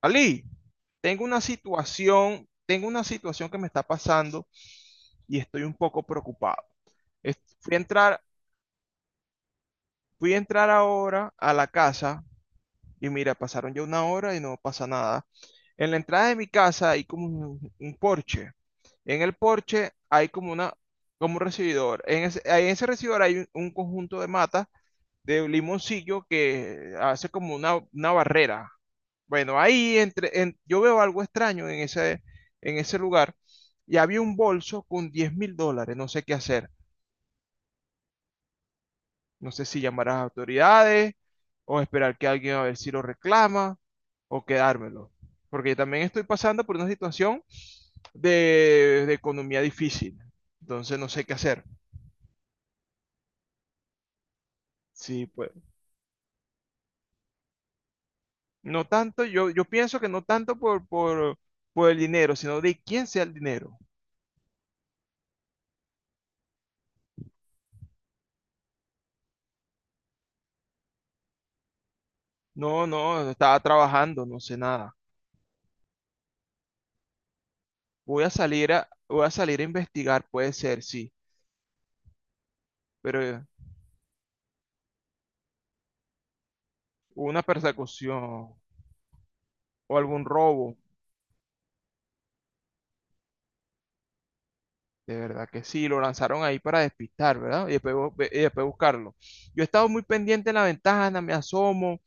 Ali, tengo una situación, que me está pasando y estoy un poco preocupado. Fui a entrar, ahora a la casa y mira, pasaron ya una hora y no pasa nada. En la entrada de mi casa hay como un porche. En el porche hay como un recibidor. Ahí en ese recibidor hay un conjunto de matas de limoncillo que hace como una barrera. Bueno, ahí yo veo algo extraño en ese lugar y había un bolso con $10,000, no sé qué hacer. No sé si llamar a las autoridades o esperar que alguien a ver si lo reclama o quedármelo. Porque yo también estoy pasando por una situación de economía difícil. Entonces no sé qué hacer. Sí. No tanto, yo pienso que no tanto por el dinero, sino de quién sea el dinero. No, no, estaba trabajando, no sé nada. Voy a salir a investigar, puede ser, sí, pero una persecución o algún robo, de verdad que sí, lo lanzaron ahí para despistar, ¿verdad? Y después, buscarlo. Yo he estado muy pendiente en la ventana, me asomo,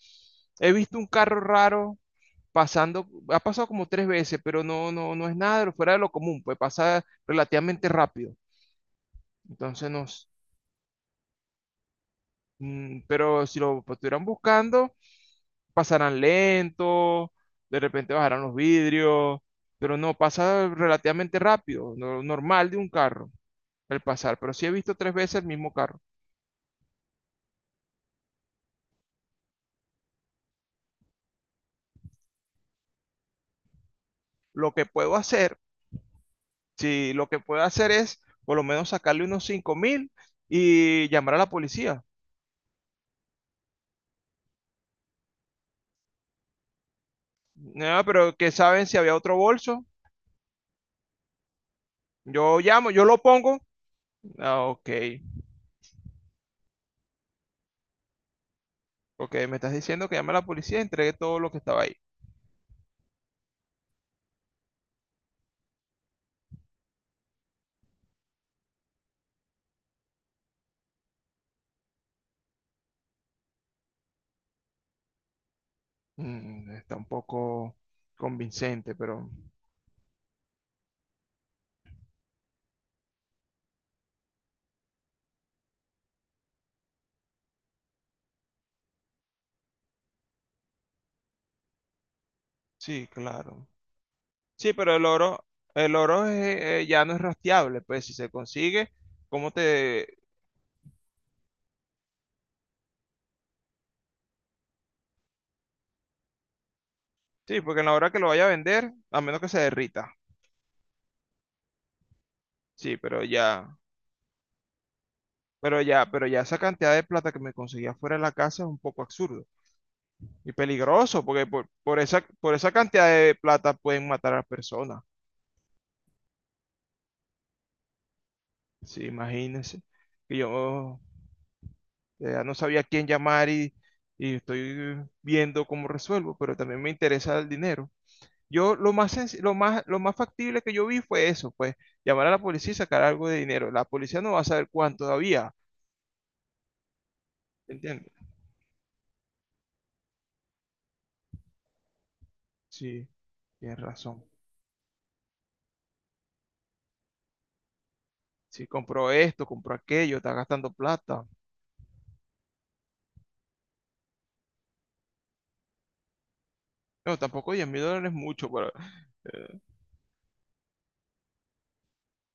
he visto un carro raro pasando, ha pasado como tres veces, pero no, no, no es nada de lo fuera de lo común, pues pasa relativamente rápido. Entonces pero si lo pues, estuvieran buscando, pasarán lento, de repente bajarán los vidrios, pero no, pasa relativamente rápido, normal de un carro, el pasar, pero sí he visto tres veces el mismo carro. Lo que puedo hacer, sí, lo que puedo hacer es por lo menos sacarle unos 5,000 y llamar a la policía. Ah, pero que saben si había otro bolso. Yo llamo, yo lo pongo. Ah, ok. Ok, me estás diciendo que llame a la policía y entregue todo lo que estaba ahí. Está un poco convincente, pero sí, claro. Sí, pero el oro es, ya no es rastreable, pues si se consigue, ¿cómo te...? Sí, porque en la hora que lo vaya a vender, a menos que se derrita. Sí, pero ya esa cantidad de plata que me conseguía fuera de la casa es un poco absurdo y peligroso, porque por esa cantidad de plata pueden matar a personas. Sí, imagínense. Que yo ya no sabía a quién llamar y estoy viendo cómo resuelvo, pero también me interesa el dinero. Yo lo más, senc- lo más factible que yo vi fue eso, pues llamar a la policía y sacar algo de dinero. La policía no va a saber cuánto todavía, ¿entiendes? Sí, tienes razón. Si compró esto, compró aquello, está gastando plata. No, tampoco $10,000 es mucho, pero... eh,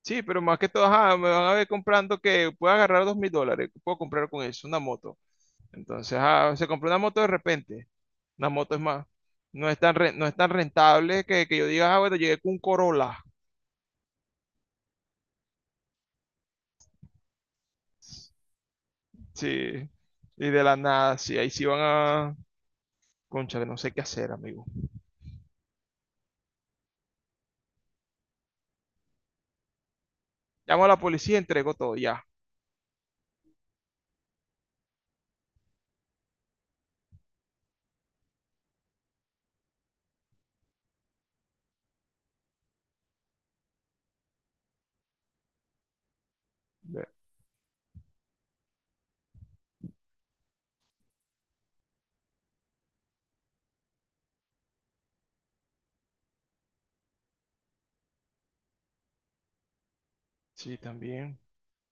sí, pero más que todo, ajá, me van a ver comprando que puedo agarrar $2,000, puedo comprar con eso una moto. Entonces, ah, se compró una moto de repente. Una moto es más, no es tan rentable que yo diga, ah, bueno, llegué con un Corolla. Sí. Y de la nada, sí, ahí sí van a... Cónchale, no sé qué hacer, amigo. Llamo a la policía, entrego todo, ya. Ve- Sí, también.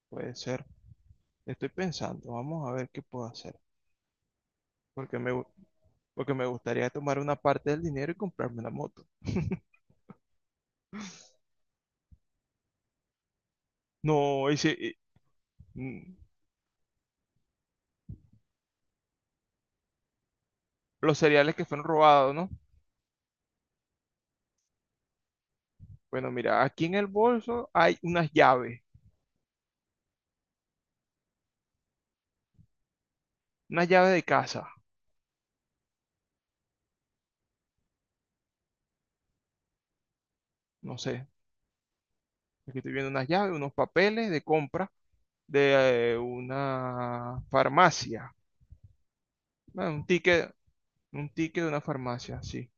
Puede ser. Estoy pensando, vamos a ver qué puedo hacer. Porque me gustaría tomar una parte del dinero y comprarme una moto. No, y si, y, mm, los cereales que fueron robados, ¿no? Bueno, mira, aquí en el bolso hay unas llaves de casa, no sé. Aquí estoy viendo unas llaves, unos papeles de compra de una farmacia. Bueno, un ticket de una farmacia, sí.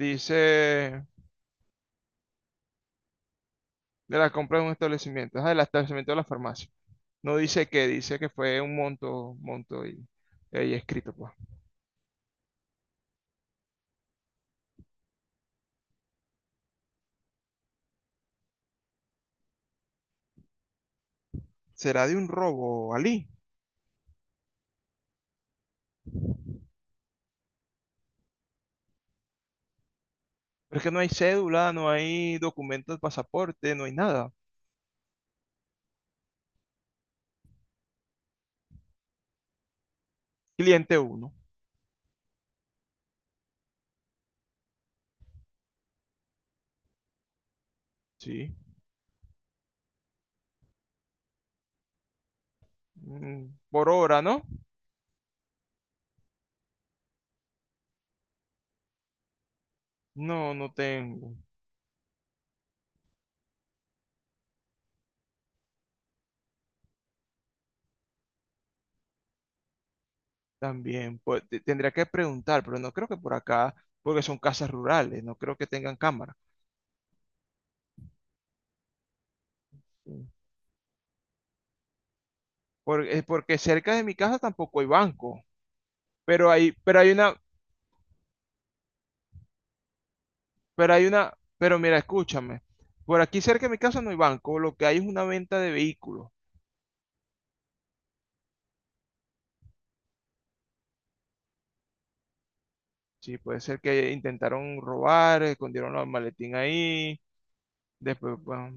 Dice de la compra de un establecimiento, ah, del establecimiento de la farmacia. No dice que, dice que fue un monto y ahí escrito, pues. ¿Será de un robo, Ali? Pero es que no hay cédula, no hay documentos, pasaporte, no hay nada. Cliente uno, sí. Mm, por hora, ¿no? No, no tengo. También, pues tendría que preguntar, pero no creo que por acá, porque son casas rurales, no creo que tengan cámara. Sí. Porque cerca de mi casa tampoco hay banco, pero hay, pero hay una, Pero hay una, pero mira, escúchame. Por aquí cerca de mi casa no hay banco, lo que hay es una venta de vehículos. Sí, puede ser que intentaron robar, escondieron los maletín ahí, después, bueno,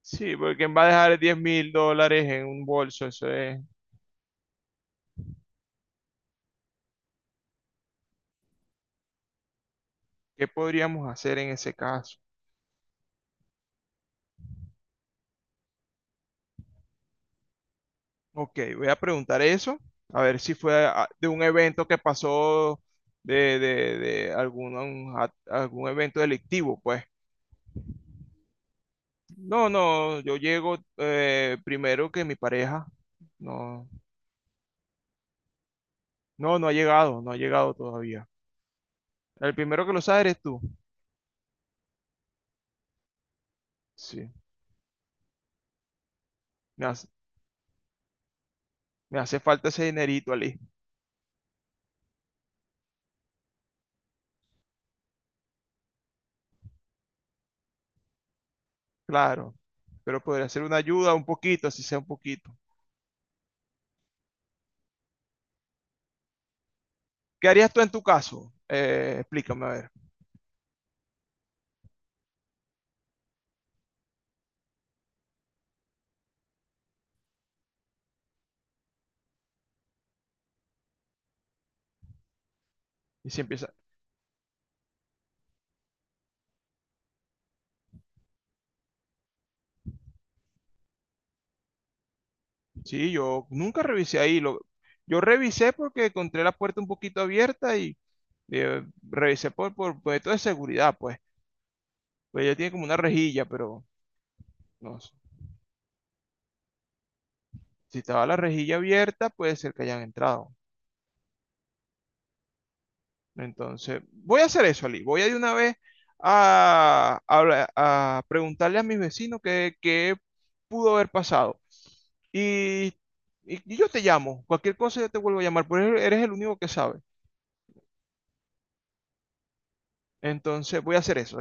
sí, porque ¿quién va a dejar $10,000 en un bolso? Eso es. ¿Qué podríamos hacer en ese caso? Ok, voy a preguntar eso, a ver si fue a- de un evento que pasó de algún, algún evento delictivo, pues. No, no, yo llego primero que mi pareja. No, no, no ha llegado todavía. El primero que lo sabe eres tú. Sí, me hace, me hace falta ese dinerito, Ali. Claro, pero podría ser una ayuda un poquito, así sea un poquito. ¿Qué harías tú en tu caso? Explícame, a ver. Y si empieza. Sí, yo nunca revisé ahí. Yo revisé porque encontré la puerta un poquito abierta y revisé por esto de seguridad, pues. Pues ella tiene como una rejilla, pero no. Si estaba la rejilla abierta, puede ser que hayan entrado. Entonces, voy a hacer eso, Ali. Voy a de una vez a preguntarle a mis vecinos qué, qué pudo haber pasado. Y, yo te llamo. Cualquier cosa yo te vuelvo a llamar, porque eres el único que sabe. Entonces, voy a hacer eso.